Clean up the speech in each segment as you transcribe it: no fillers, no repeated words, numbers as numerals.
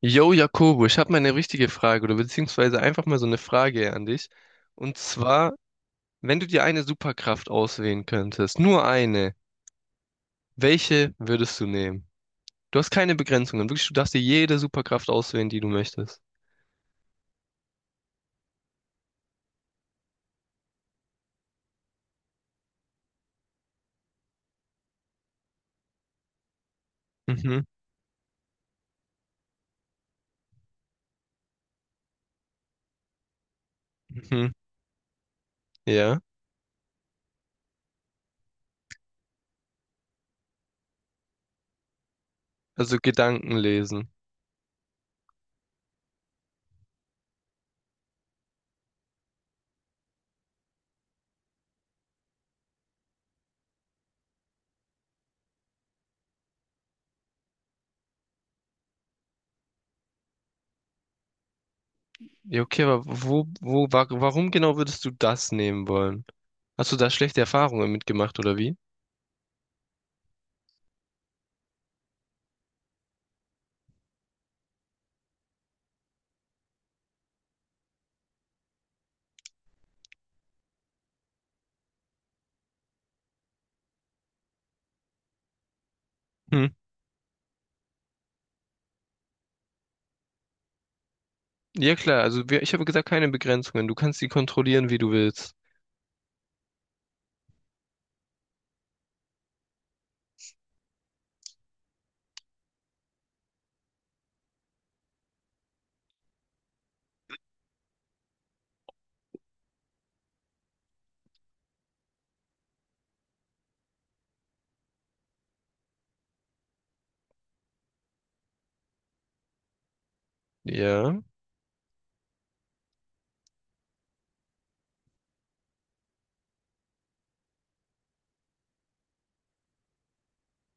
Yo, Jakobo, ich habe mal eine richtige Frage oder beziehungsweise einfach mal so eine Frage an dich. Und zwar, wenn du dir eine Superkraft auswählen könntest, nur eine, welche würdest du nehmen? Du hast keine Begrenzungen, wirklich, du darfst dir jede Superkraft auswählen, die du möchtest. Mhm, mhm, ja. Also Gedanken lesen. Ja, okay, aber wo, wo, wa warum genau würdest du das nehmen wollen? Hast du da schlechte Erfahrungen mitgemacht oder wie? Hm. Ja klar, also ich habe gesagt, keine Begrenzungen. Du kannst sie kontrollieren, wie du willst. Ja.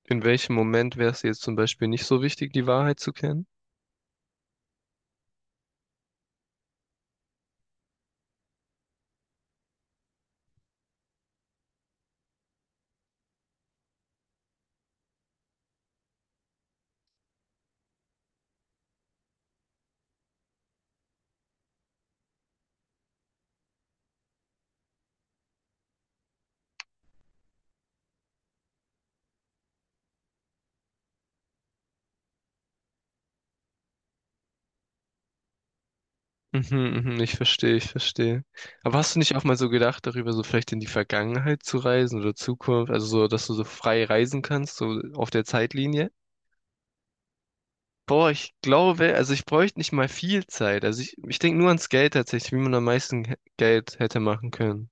In welchem Moment wäre es jetzt zum Beispiel nicht so wichtig, die Wahrheit zu kennen? Mhm, mhm, ich verstehe, ich verstehe. Aber hast du nicht auch mal so gedacht, darüber so vielleicht in die Vergangenheit zu reisen oder Zukunft, also so, dass du so frei reisen kannst, so auf der Zeitlinie? Boah, ich glaube, also ich bräuchte nicht mal viel Zeit. Also ich denke nur ans Geld tatsächlich, wie man am meisten Geld hätte machen können.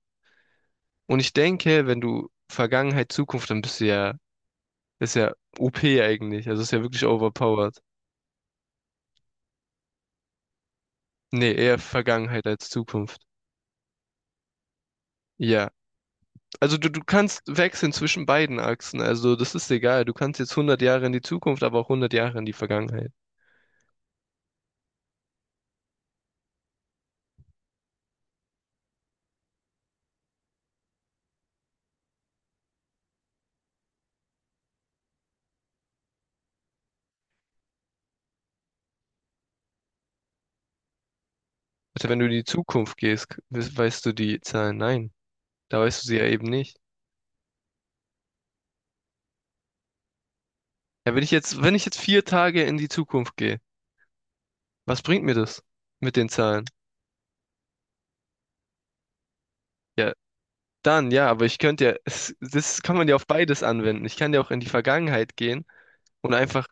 Und ich denke, wenn du Vergangenheit, Zukunft, dann ist ja OP eigentlich. Also ist ja wirklich overpowered. Nee, eher Vergangenheit als Zukunft. Ja. Also du kannst wechseln zwischen beiden Achsen. Also das ist egal. Du kannst jetzt 100 Jahre in die Zukunft, aber auch 100 Jahre in die Vergangenheit. Also wenn du in die Zukunft gehst, weißt du die Zahlen. Nein, da weißt du sie ja eben nicht. Ja, wenn ich jetzt 4 Tage in die Zukunft gehe, was bringt mir das mit den Zahlen? Ja, dann ja, aber ich könnte ja, das kann man ja auf beides anwenden. Ich kann ja auch in die Vergangenheit gehen und einfach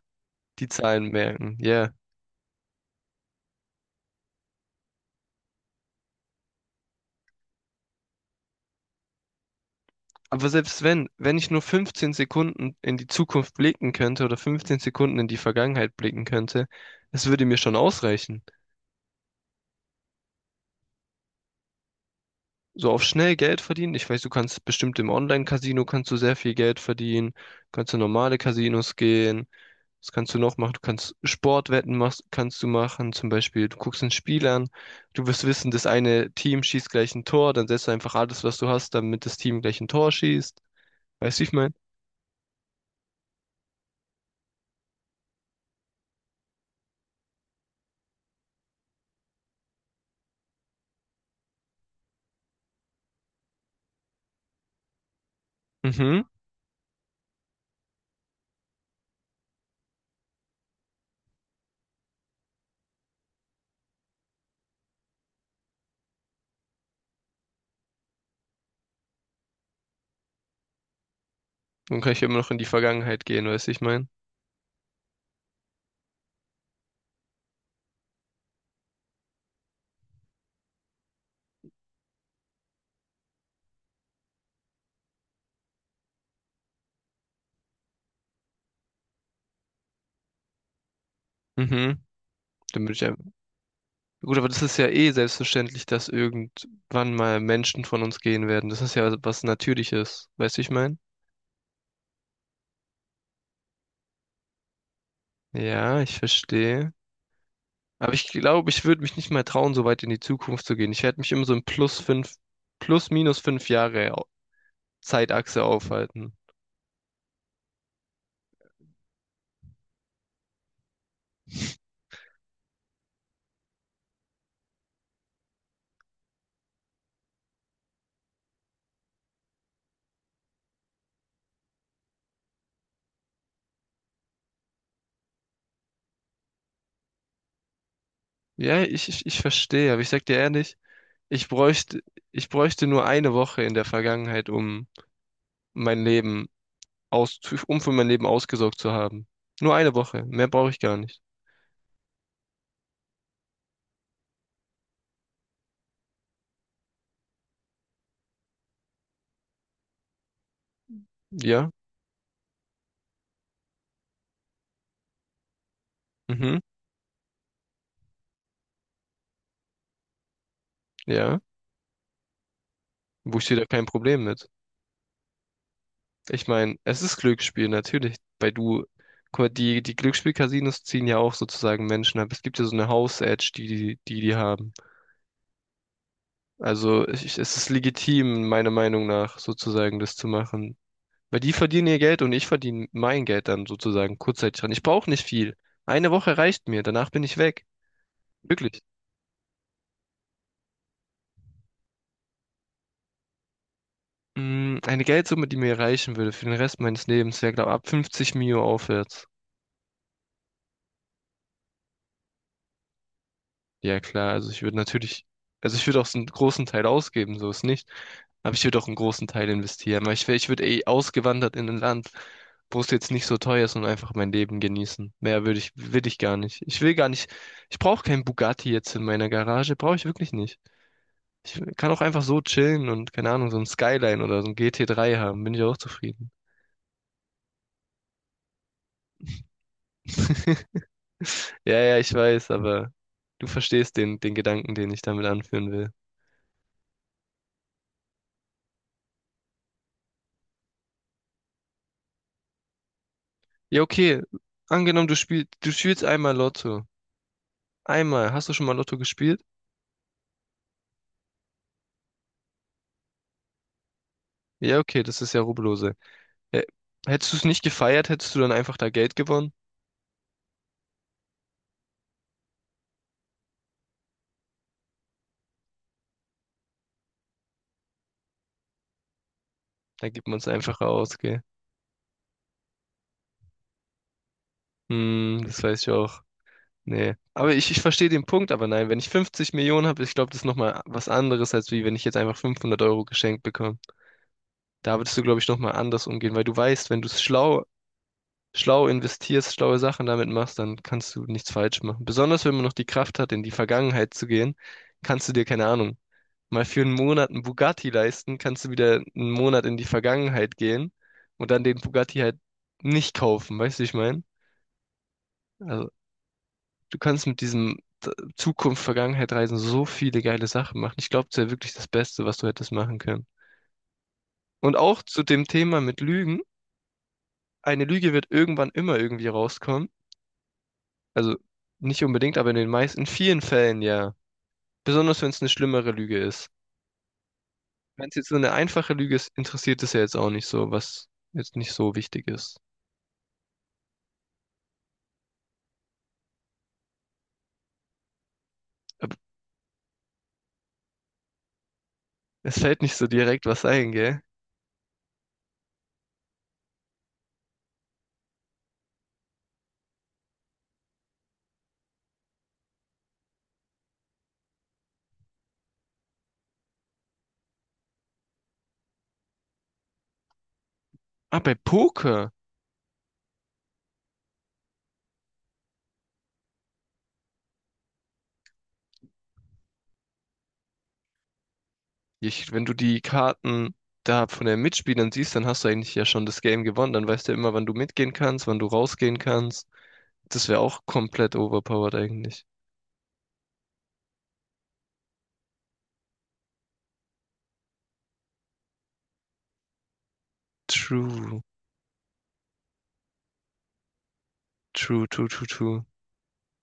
die Zahlen merken. Ja. Aber selbst wenn ich nur 15 Sekunden in die Zukunft blicken könnte oder 15 Sekunden in die Vergangenheit blicken könnte, es würde mir schon ausreichen. So auf schnell Geld verdienen. Ich weiß, du kannst bestimmt im Online-Casino kannst du sehr viel Geld verdienen. Kannst du normale Casinos gehen. Was kannst du noch machen? Du kannst Sportwetten machst, kannst du machen. Zum Beispiel, du guckst ein Spiel an. Du wirst wissen, das eine Team schießt gleich ein Tor. Dann setzt du einfach alles, was du hast, damit das Team gleich ein Tor schießt. Weißt du, wie ich meine? Mhm. Dann kann ich ja immer noch in die Vergangenheit gehen, weißt du, ich meine. Mhm. Dann bin ich ja. Gut, aber das ist ja eh selbstverständlich, dass irgendwann mal Menschen von uns gehen werden. Das ist ja was Natürliches, weißt du, ich meine. Ja, ich verstehe. Aber ich glaube, ich würde mich nicht mal trauen, so weit in die Zukunft zu gehen. Ich werde mich immer so in plus minus 5 Jahre Zeitachse aufhalten. Ja, ich verstehe, aber ich sag dir ehrlich, ich bräuchte, ich bräuchte nur eine Woche in der Vergangenheit, um mein Leben aus, um für mein Leben ausgesorgt zu haben. Nur eine Woche, mehr brauche ich gar nicht. Ja, mhm, ja. Wo ich sehe da kein Problem mit. Ich meine, es ist Glücksspiel, natürlich. Guck mal, die Glücksspiel-Casinos ziehen ja auch sozusagen Menschen ab. Es gibt ja so eine House-Edge, die haben. Also es ist legitim, meiner Meinung nach, sozusagen das zu machen. Weil die verdienen ihr Geld und ich verdiene mein Geld dann sozusagen kurzzeitig dran. Ich brauche nicht viel. Eine Woche reicht mir, danach bin ich weg. Wirklich. Eine Geldsumme, die mir reichen würde für den Rest meines Lebens, wäre, glaube ich, ab 50 Mio aufwärts. Ja, klar, also ich würde natürlich, also ich würde auch so einen großen Teil ausgeben, so ist nicht. Aber ich würde auch einen großen Teil investieren, weil ich würde eh ausgewandert in ein Land, wo es jetzt nicht so teuer ist und einfach mein Leben genießen. Mehr will ich gar nicht. Ich will gar nicht, ich brauche keinen Bugatti jetzt in meiner Garage, brauche ich wirklich nicht. Ich kann auch einfach so chillen und, keine Ahnung, so ein Skyline oder so ein GT3 haben, bin ich auch zufrieden. Ja, ja, ich weiß, aber du verstehst den Gedanken, den ich damit anführen will. Ja, okay. Angenommen, du spielst einmal Lotto. Einmal. Hast du schon mal Lotto gespielt? Ja, okay, das ist ja Rubbellose. Hä- Hättest du es nicht gefeiert, hättest du dann einfach da Geld gewonnen? Da gibt man es einfach aus, gell? Hm, das weiß ich auch. Nee. Aber ich verstehe den Punkt, aber nein, wenn ich 50 Millionen habe, ich glaube, das ist nochmal was anderes, als wie wenn ich jetzt einfach 500 € geschenkt bekomme. Da würdest du, glaube ich, nochmal anders umgehen, weil du weißt, wenn du es schlau schlau investierst, schlaue Sachen damit machst, dann kannst du nichts falsch machen. Besonders wenn man noch die Kraft hat, in die Vergangenheit zu gehen, kannst du dir, keine Ahnung, mal für einen Monat einen Bugatti leisten, kannst du wieder einen Monat in die Vergangenheit gehen und dann den Bugatti halt nicht kaufen, weißt du, wie ich meine? Also, du kannst mit diesem Zukunft, Vergangenheit reisen so viele geile Sachen machen. Ich glaube, das wäre wirklich das Beste, was du hättest machen können. Und auch zu dem Thema mit Lügen. Eine Lüge wird irgendwann immer irgendwie rauskommen. Also nicht unbedingt, aber in vielen Fällen ja. Besonders wenn es eine schlimmere Lüge ist. Wenn es jetzt so eine einfache Lüge ist, interessiert es ja jetzt auch nicht so, was jetzt nicht so wichtig ist. Aber es fällt nicht so direkt was ein, gell? Ah, bei Poker. Wenn du die Karten da von den Mitspielern siehst, dann hast du eigentlich ja schon das Game gewonnen. Dann weißt du ja immer, wann du mitgehen kannst, wann du rausgehen kannst. Das wäre auch komplett overpowered eigentlich. True, true, true, true, true.